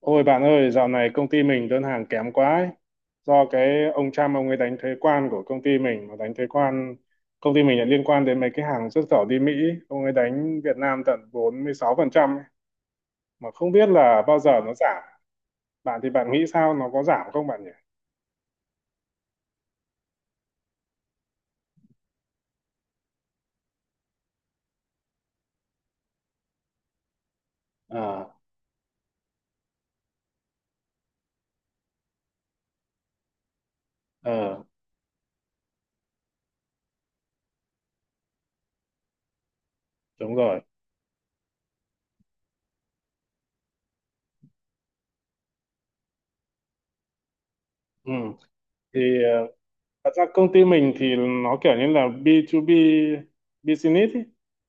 Ôi bạn ơi, dạo này công ty mình đơn hàng kém quá ấy. Do cái ông Trump ông ấy đánh thuế quan của công ty mình mà đánh thuế quan công ty mình lại liên quan đến mấy cái hàng xuất khẩu đi Mỹ, ông ấy đánh Việt Nam tận 46% ấy. Mà không biết là bao giờ nó giảm. Bạn thì bạn nghĩ sao nó có giảm không bạn nhỉ? À, ờ, đúng rồi. Ừ. Thì Thật ra công ty mình thì nó kiểu như là B2B business ý.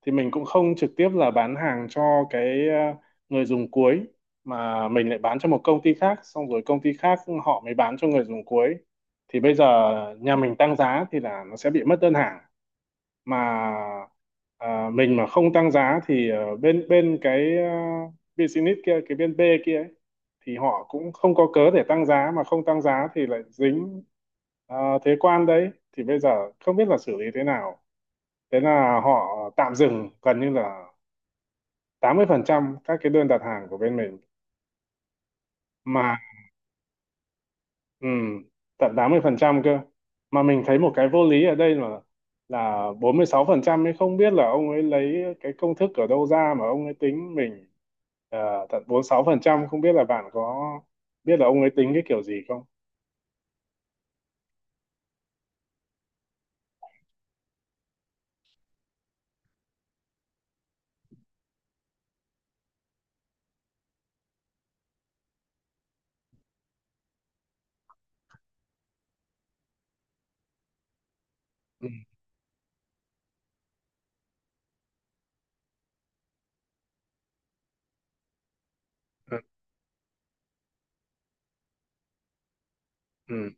Thì mình cũng không trực tiếp là bán hàng cho cái người dùng cuối, mà mình lại bán cho một công ty khác, xong rồi công ty khác họ mới bán cho người dùng cuối. Thì bây giờ nhà mình tăng giá thì là nó sẽ bị mất đơn hàng, mà mình mà không tăng giá thì bên bên cái business kia, cái bên B kia ấy, thì họ cũng không có cớ để tăng giá, mà không tăng giá thì lại dính ờ, thuế quan đấy, thì bây giờ không biết là xử lý thế nào, thế là họ tạm dừng gần như là 80% các cái đơn đặt hàng của bên mình, mà ừ, tận 80% cơ. Mà mình thấy một cái vô lý ở đây là 46% ấy, không biết là ông ấy lấy cái công thức ở đâu ra mà ông ấy tính mình tận 46%, không biết là bạn có biết là ông ấy tính cái kiểu gì không. Ừ, ừ, ừ,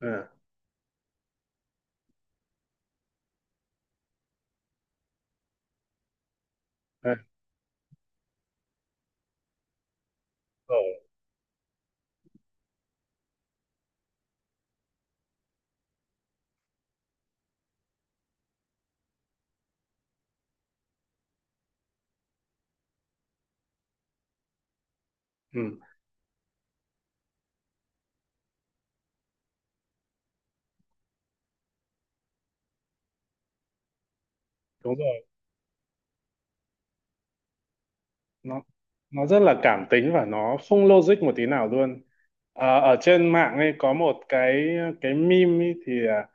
ừ. Đấy, rồi, ừ, đúng rồi, nó nó rất là cảm tính và nó không logic một tí nào luôn. Ờ, ở trên mạng ấy có một cái meme ấy thì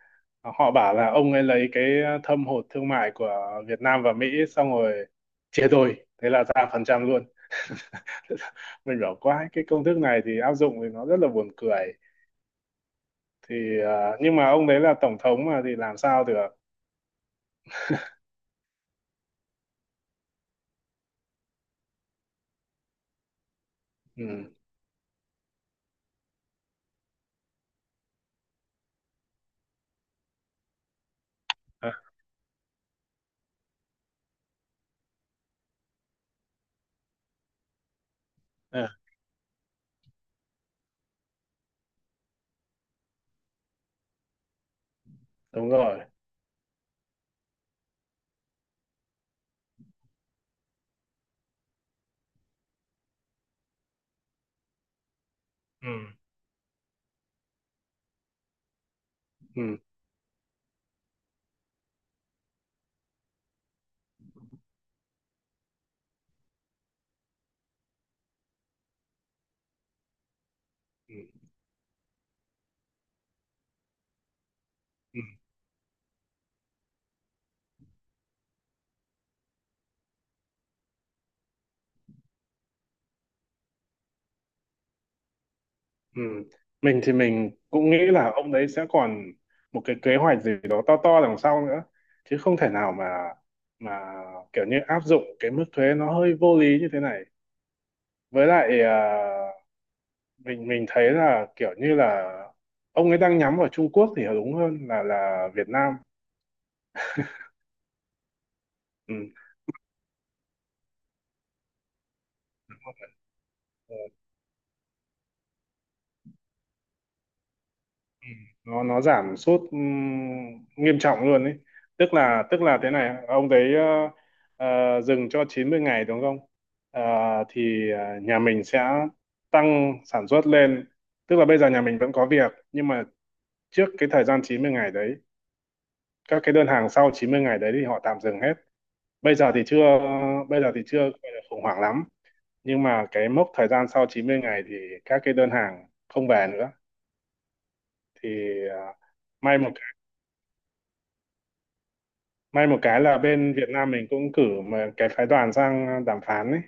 họ bảo là ông ấy lấy cái thâm hụt thương mại của Việt Nam và Mỹ, xong rồi chia đôi, thế là ra phần trăm luôn. Mình bảo quái, cái công thức này thì áp dụng thì nó rất là buồn cười, thì nhưng mà ông đấy là tổng thống mà thì làm sao được. Ừ. À, à, đúng rồi. Ừ. Ừ. Ừ. Ừ. Mình thì mình cũng nghĩ là ông đấy sẽ còn một cái kế hoạch gì đó to to đằng sau nữa, chứ không thể nào mà mà kiểu như áp dụng cái mức thuế nó hơi vô lý như thế này. Với lại mình thấy là kiểu như là ông ấy đang nhắm vào Trung Quốc thì đúng hơn là Việt Nam. Ừ. Ừ, nó giảm sút nghiêm trọng luôn ấy, tức là thế này, ông đấy dừng cho 90 ngày đúng không. Ờ, thì nhà mình sẽ tăng sản xuất lên, tức là bây giờ nhà mình vẫn có việc, nhưng mà trước cái thời gian 90 ngày đấy, các cái đơn hàng sau 90 ngày đấy thì họ tạm dừng hết. Bây giờ thì chưa bây giờ thì chưa gọi là khủng hoảng lắm, nhưng mà cái mốc thời gian sau 90 ngày thì các cái đơn hàng không về nữa, thì à, may một May một cái là bên Việt Nam mình cũng cử mà cái phái đoàn sang đàm phán ấy,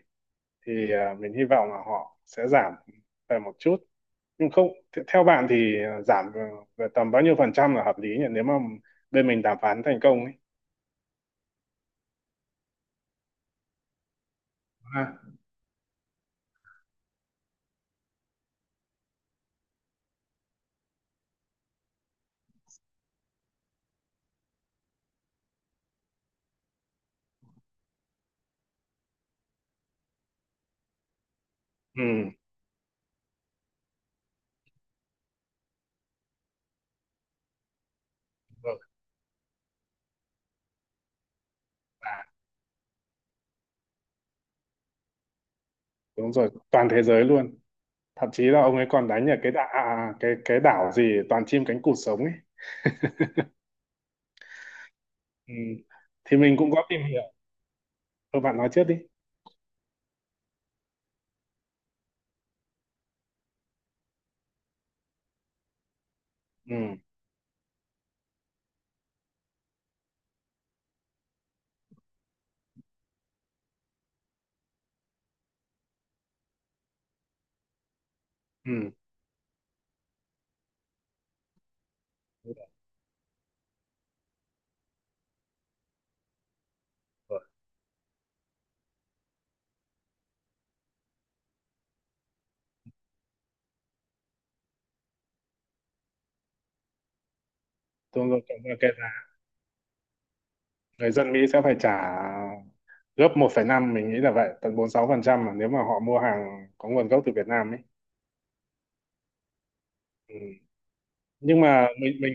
thì mình hy vọng là họ sẽ giảm về một chút. Nhưng không th- Theo bạn thì giảm về về tầm bao nhiêu phần trăm là hợp lý nhỉ, nếu mà bên mình đàm phán thành công ấy. Ha. Ừ, đúng rồi. À, đúng rồi, toàn thế giới luôn. Thậm chí là ông ấy còn đánh ở cái đảo cái đảo gì toàn chim cánh cụt sống ấy. Ừ. Thì mình cũng có tìm hiểu. Thôi bạn nói trước đi. Ừ. Ừ. Đúng rồi. Đúng rồi. Cảm ơn cái, người dân Mỹ sẽ phải trả gấp 1,5, mình nghĩ là vậy, tận 46% mà, nếu mà họ mua hàng có nguồn gốc từ Việt Nam ấy. Ừ. Nhưng mà mình mình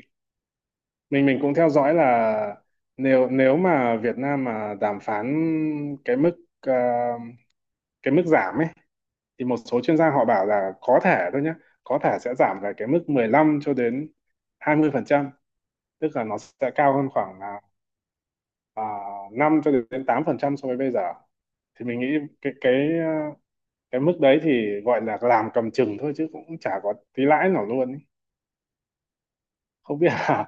mình mình cũng theo dõi là, nếu nếu mà Việt Nam mà đàm phán cái mức ờ, cái mức giảm ấy, thì một số chuyên gia họ bảo là có thể thôi nhé, có thể sẽ giảm về cái mức 15 cho đến 20%, tức là nó sẽ cao hơn khoảng là à, 5 cho đến 8% so với bây giờ. Thì mình nghĩ cái ờ, cái mức đấy thì gọi là làm cầm chừng thôi, chứ cũng chả có tí lãi nào luôn ý. không biết là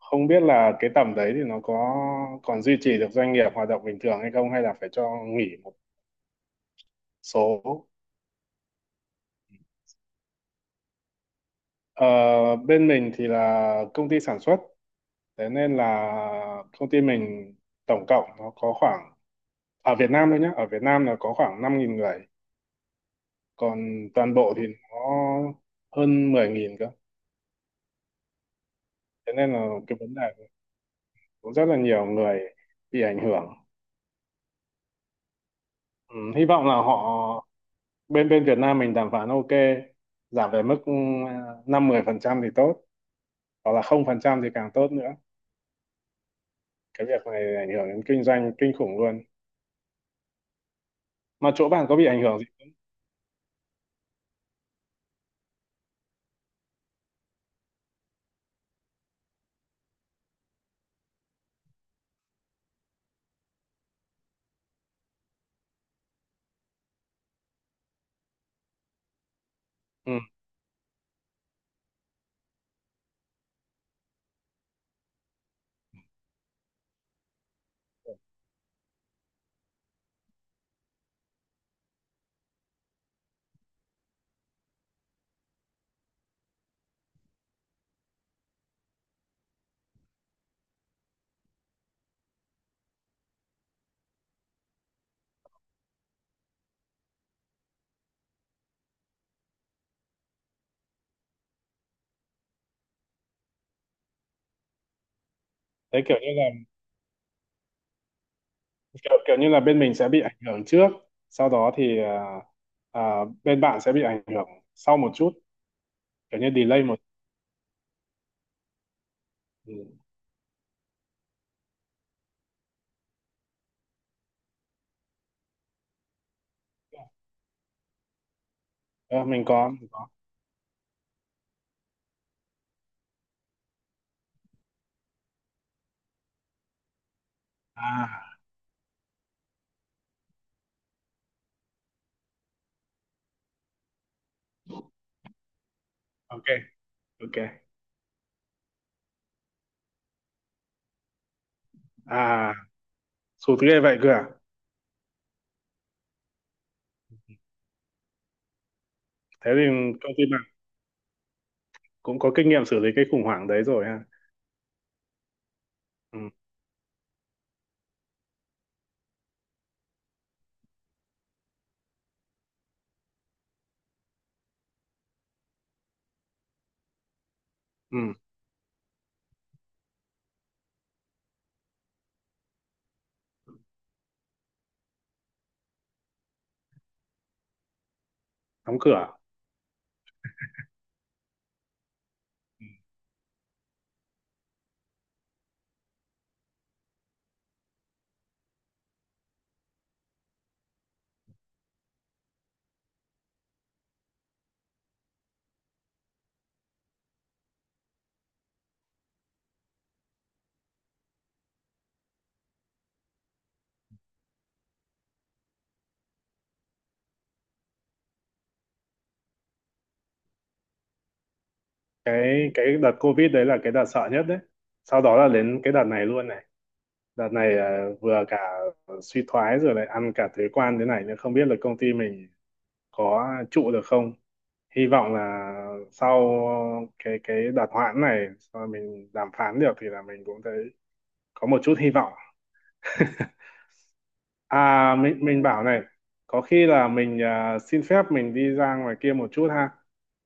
Không biết là cái tầm đấy thì nó có còn duy trì được doanh nghiệp hoạt động bình thường hay không, hay là phải cho nghỉ một số. Ờ, bên mình thì là công ty sản xuất, thế nên là công ty mình tổng cộng nó có khoảng, ở Việt Nam thôi nhé, ở Việt Nam là có khoảng 5.000 người, còn toàn bộ thì nó hơn 10.000 cơ. Thế nên là cái vấn đề cũng rất là nhiều người bị ảnh hưởng. Ừ, hy vọng là họ, bên bên Việt Nam mình đàm phán ok, giảm về mức 5-10% thì tốt, hoặc là 0% thì càng tốt nữa. Cái việc này ảnh hưởng đến kinh doanh kinh khủng luôn, mà chỗ bạn có bị ảnh hưởng gì. Ừ, đấy, kiểu như là, kiểu, kiểu như là bên mình sẽ bị ảnh hưởng trước, sau đó thì à, bên bạn sẽ bị ảnh hưởng sau một chút, kiểu như delay một. Ừ. Ờ, mình có à, ok ok. À, sụt ghê vậy cơ à. Thế thì công ty cũng có kinh nghiệm xử lý cái khủng hoảng đấy rồi ha. Ừ, ừ, đóng cửa. Cái đợt Covid đấy là cái đợt sợ nhất đấy, sau đó là đến cái đợt này luôn này. Đợt này vừa cả suy thoái rồi lại ăn cả thuế quan thế này nữa, không biết là công ty mình có trụ được không. Hy vọng là sau cái đợt hoãn này, sau mình đàm phán được thì là mình cũng thấy có một chút hy vọng. À mình bảo này, có khi là mình xin phép mình đi ra ngoài kia một chút ha.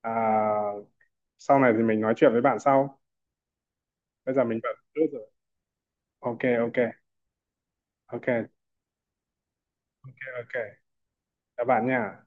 À, sau này thì mình nói chuyện với bạn sau. Bây giờ mình bận chút rồi. Ok ok, ok ok ok. Các bạn nha.